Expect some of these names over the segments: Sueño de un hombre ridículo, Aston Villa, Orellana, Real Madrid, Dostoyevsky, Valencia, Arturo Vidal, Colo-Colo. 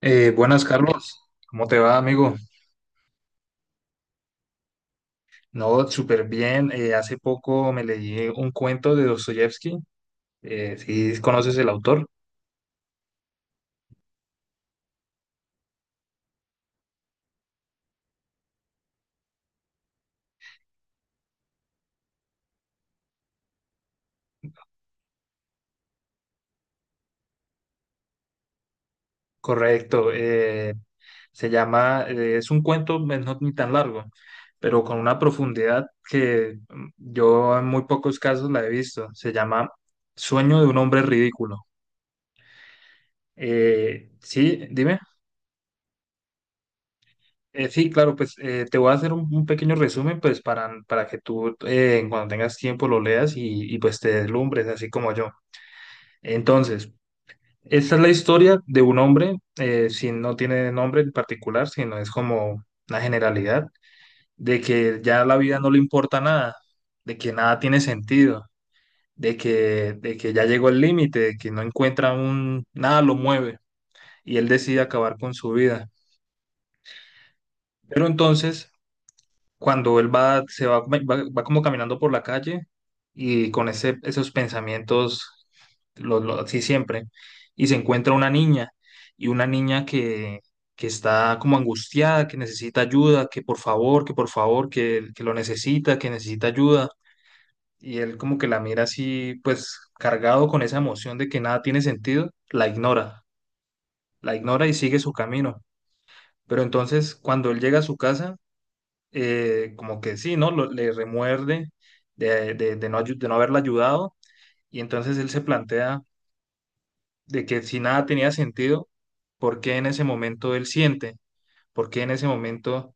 Buenas, Carlos. ¿Cómo te va, amigo? No, súper bien. Hace poco me leí un cuento de Dostoyevsky. Si conoces el autor. Correcto. Es un cuento no ni tan largo, pero con una profundidad que yo en muy pocos casos la he visto. Se llama Sueño de un hombre ridículo. Sí, dime. Sí, claro, pues te voy a hacer un pequeño resumen, pues para que tú cuando tengas tiempo lo leas, pues te deslumbres, así como yo. Entonces, esta es la historia de un hombre, si no tiene nombre en particular, sino es como una generalidad, de que ya la vida no le importa nada, de que nada tiene sentido, de que ya llegó el límite, de que no encuentra nada lo mueve y él decide acabar con su vida. Pero entonces cuando él va, se va, va, va como caminando por la calle y con esos pensamientos, así siempre, y se encuentra una niña, y una niña que está como angustiada, que necesita ayuda, que por favor, que por favor, que lo necesita, que necesita ayuda, y él como que la mira así, pues cargado con esa emoción de que nada tiene sentido, la ignora y sigue su camino. Pero entonces cuando él llega a su casa, como que sí, ¿no? Le remuerde de no haberla ayudado y entonces él se plantea de que si nada tenía sentido, ¿por qué en ese momento él siente? ¿Por qué en ese momento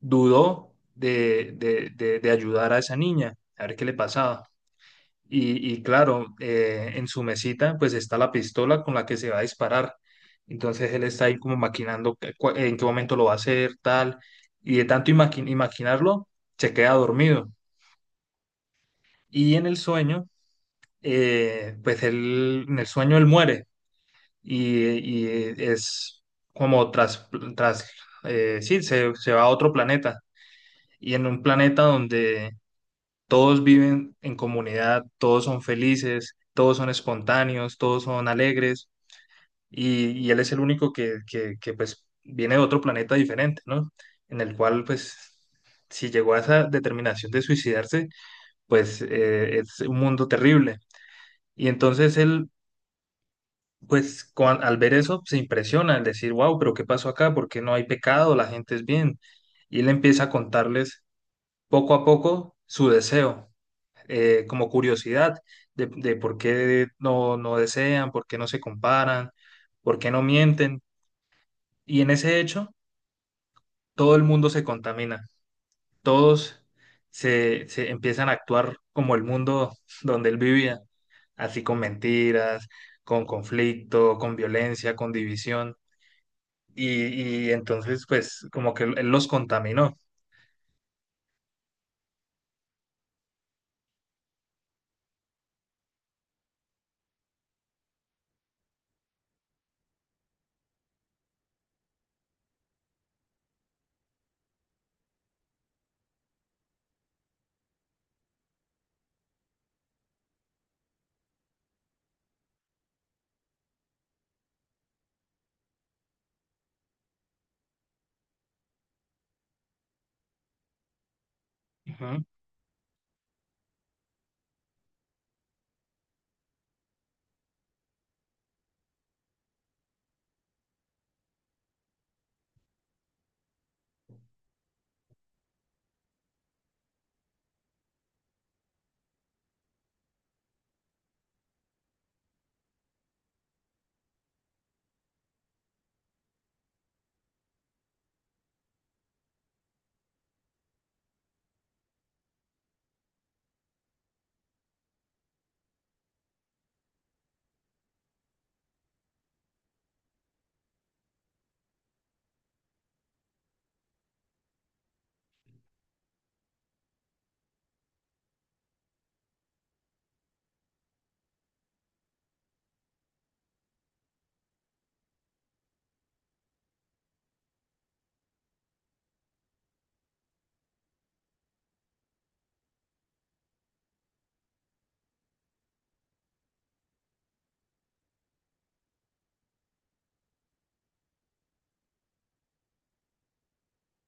dudó de ayudar a esa niña? A ver qué le pasaba. Y claro, en su mesita pues está la pistola con la que se va a disparar. Entonces él está ahí como maquinando en qué momento lo va a hacer, tal. Y de tanto imaginarlo, se queda dormido. Y en el sueño, pues en el sueño él muere y, y es como tras, tras sí, se va a otro planeta y en un planeta donde todos viven en comunidad, todos son felices, todos son espontáneos, todos son alegres y él es el único que pues viene de otro planeta diferente, ¿no? En el cual pues si llegó a esa determinación de suicidarse, pues es un mundo terrible. Y entonces él, pues al ver eso, se impresiona, al decir, wow, pero ¿qué pasó acá? ¿Por qué no hay pecado? La gente es bien. Y él empieza a contarles poco a poco su deseo, como curiosidad de por qué no desean, por qué no se comparan, por qué no mienten. Y en ese hecho, todo el mundo se contamina. Todos se empiezan a actuar como el mundo donde él vivía, así con mentiras, con conflicto, con violencia, con división. Y entonces, pues, como que él los contaminó. Ujú.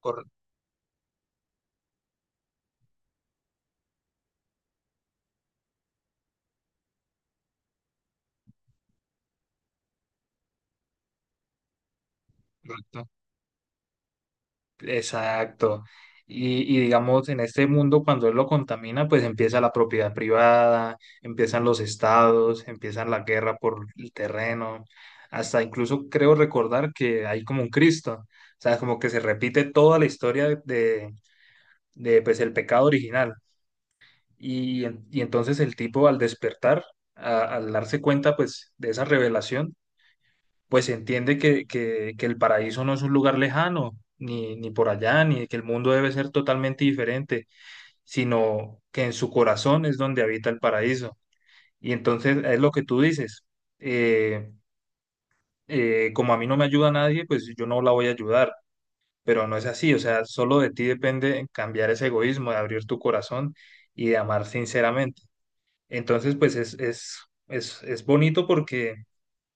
Cor- Correcto. Exacto. Y digamos, en este mundo, cuando él lo contamina, pues empieza la propiedad privada, empiezan los estados, empiezan la guerra por el terreno, hasta incluso creo recordar que hay como un Cristo, o sea, como que se repite toda la historia de, pues, el pecado original. Y entonces el tipo al despertar, al darse cuenta, pues, de esa revelación, pues se entiende que el paraíso no es un lugar lejano, ni, ni por allá, ni que el mundo debe ser totalmente diferente, sino que en su corazón es donde habita el paraíso. Y entonces es lo que tú dices, eh, como a mí no me ayuda nadie, pues yo no la voy a ayudar, pero no es así, o sea, solo de ti depende cambiar ese egoísmo, de abrir tu corazón y de amar sinceramente. Entonces, pues es bonito porque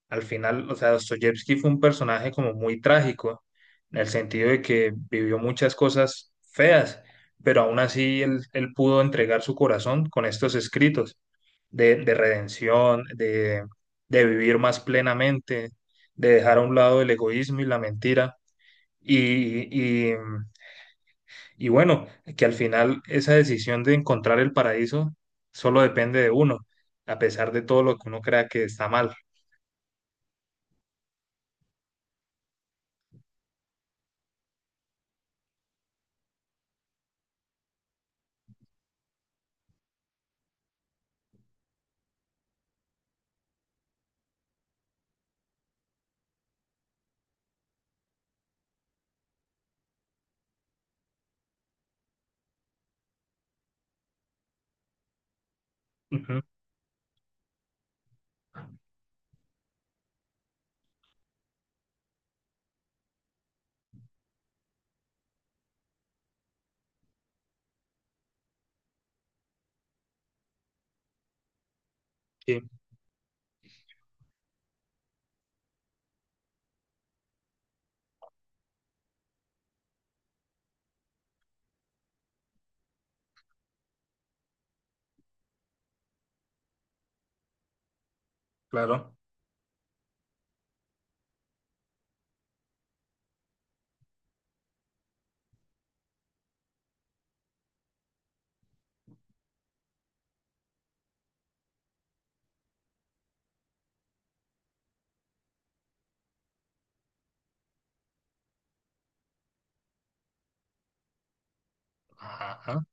al final, o sea, Dostoyevsky fue un personaje como muy trágico, en el sentido de que vivió muchas cosas feas, pero aún así él, él pudo entregar su corazón con estos escritos de redención, de vivir más plenamente, de dejar a un lado el egoísmo y la mentira. Y, y, y bueno, que al final esa decisión de encontrar el paraíso solo depende de uno, a pesar de todo lo que uno crea que está mal. Ujú. Sí, claro. Ajá,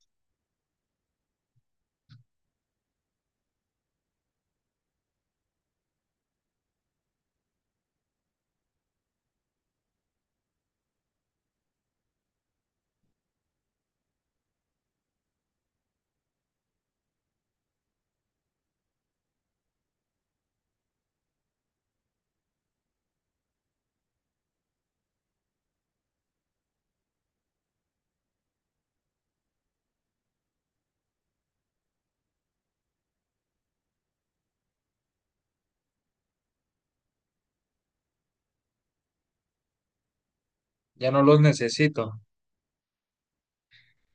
ya no los necesito.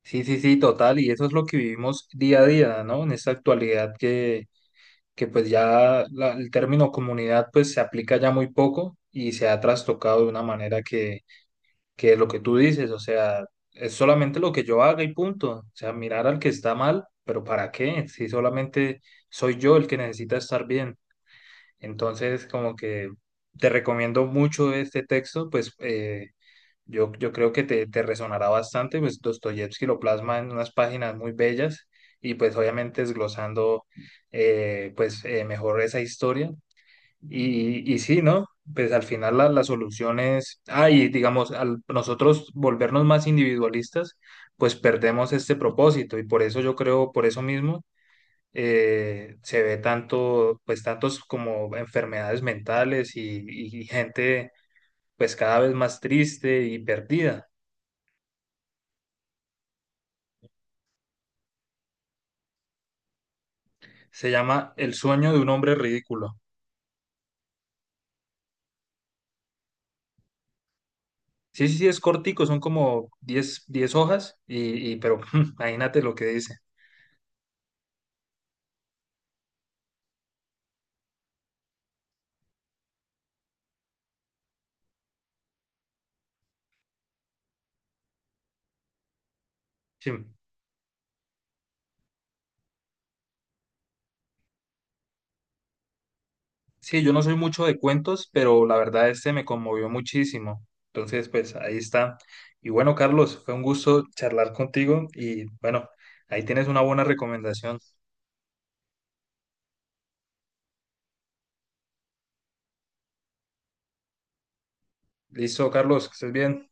Sí, sí, sí, total. Y eso es lo que vivimos día a día, ¿no? En esta actualidad que pues ya la- el término comunidad pues se aplica ya muy poco y se ha trastocado de una manera que lo que tú dices, o sea, es solamente lo que yo haga y punto. O sea, mirar al que está mal, pero ¿para qué? Si solamente soy yo el que necesita estar bien. Entonces, como que te recomiendo mucho este texto. Yo creo que te resonará bastante, pues Dostoyevsky lo plasma en unas páginas muy bellas y pues obviamente desglosando pues mejor esa historia. Y sí, ¿no? Pues al final la solución es, ah, y digamos, al nosotros volvernos más individualistas, pues perdemos este propósito y por eso yo creo, por eso mismo, se ve tanto, pues tantos como enfermedades mentales y gente pues cada vez más triste y perdida. Se llama El sueño de un hombre ridículo. Sí, sí, sí, es cortico, son como diez hojas, pero imagínate lo que dice. Sí. Sí, yo no soy mucho de cuentos, pero la verdad este me conmovió muchísimo. Entonces, pues ahí está. Y bueno, Carlos, fue un gusto charlar contigo y bueno, ahí tienes una buena recomendación. Listo, Carlos, que estés bien.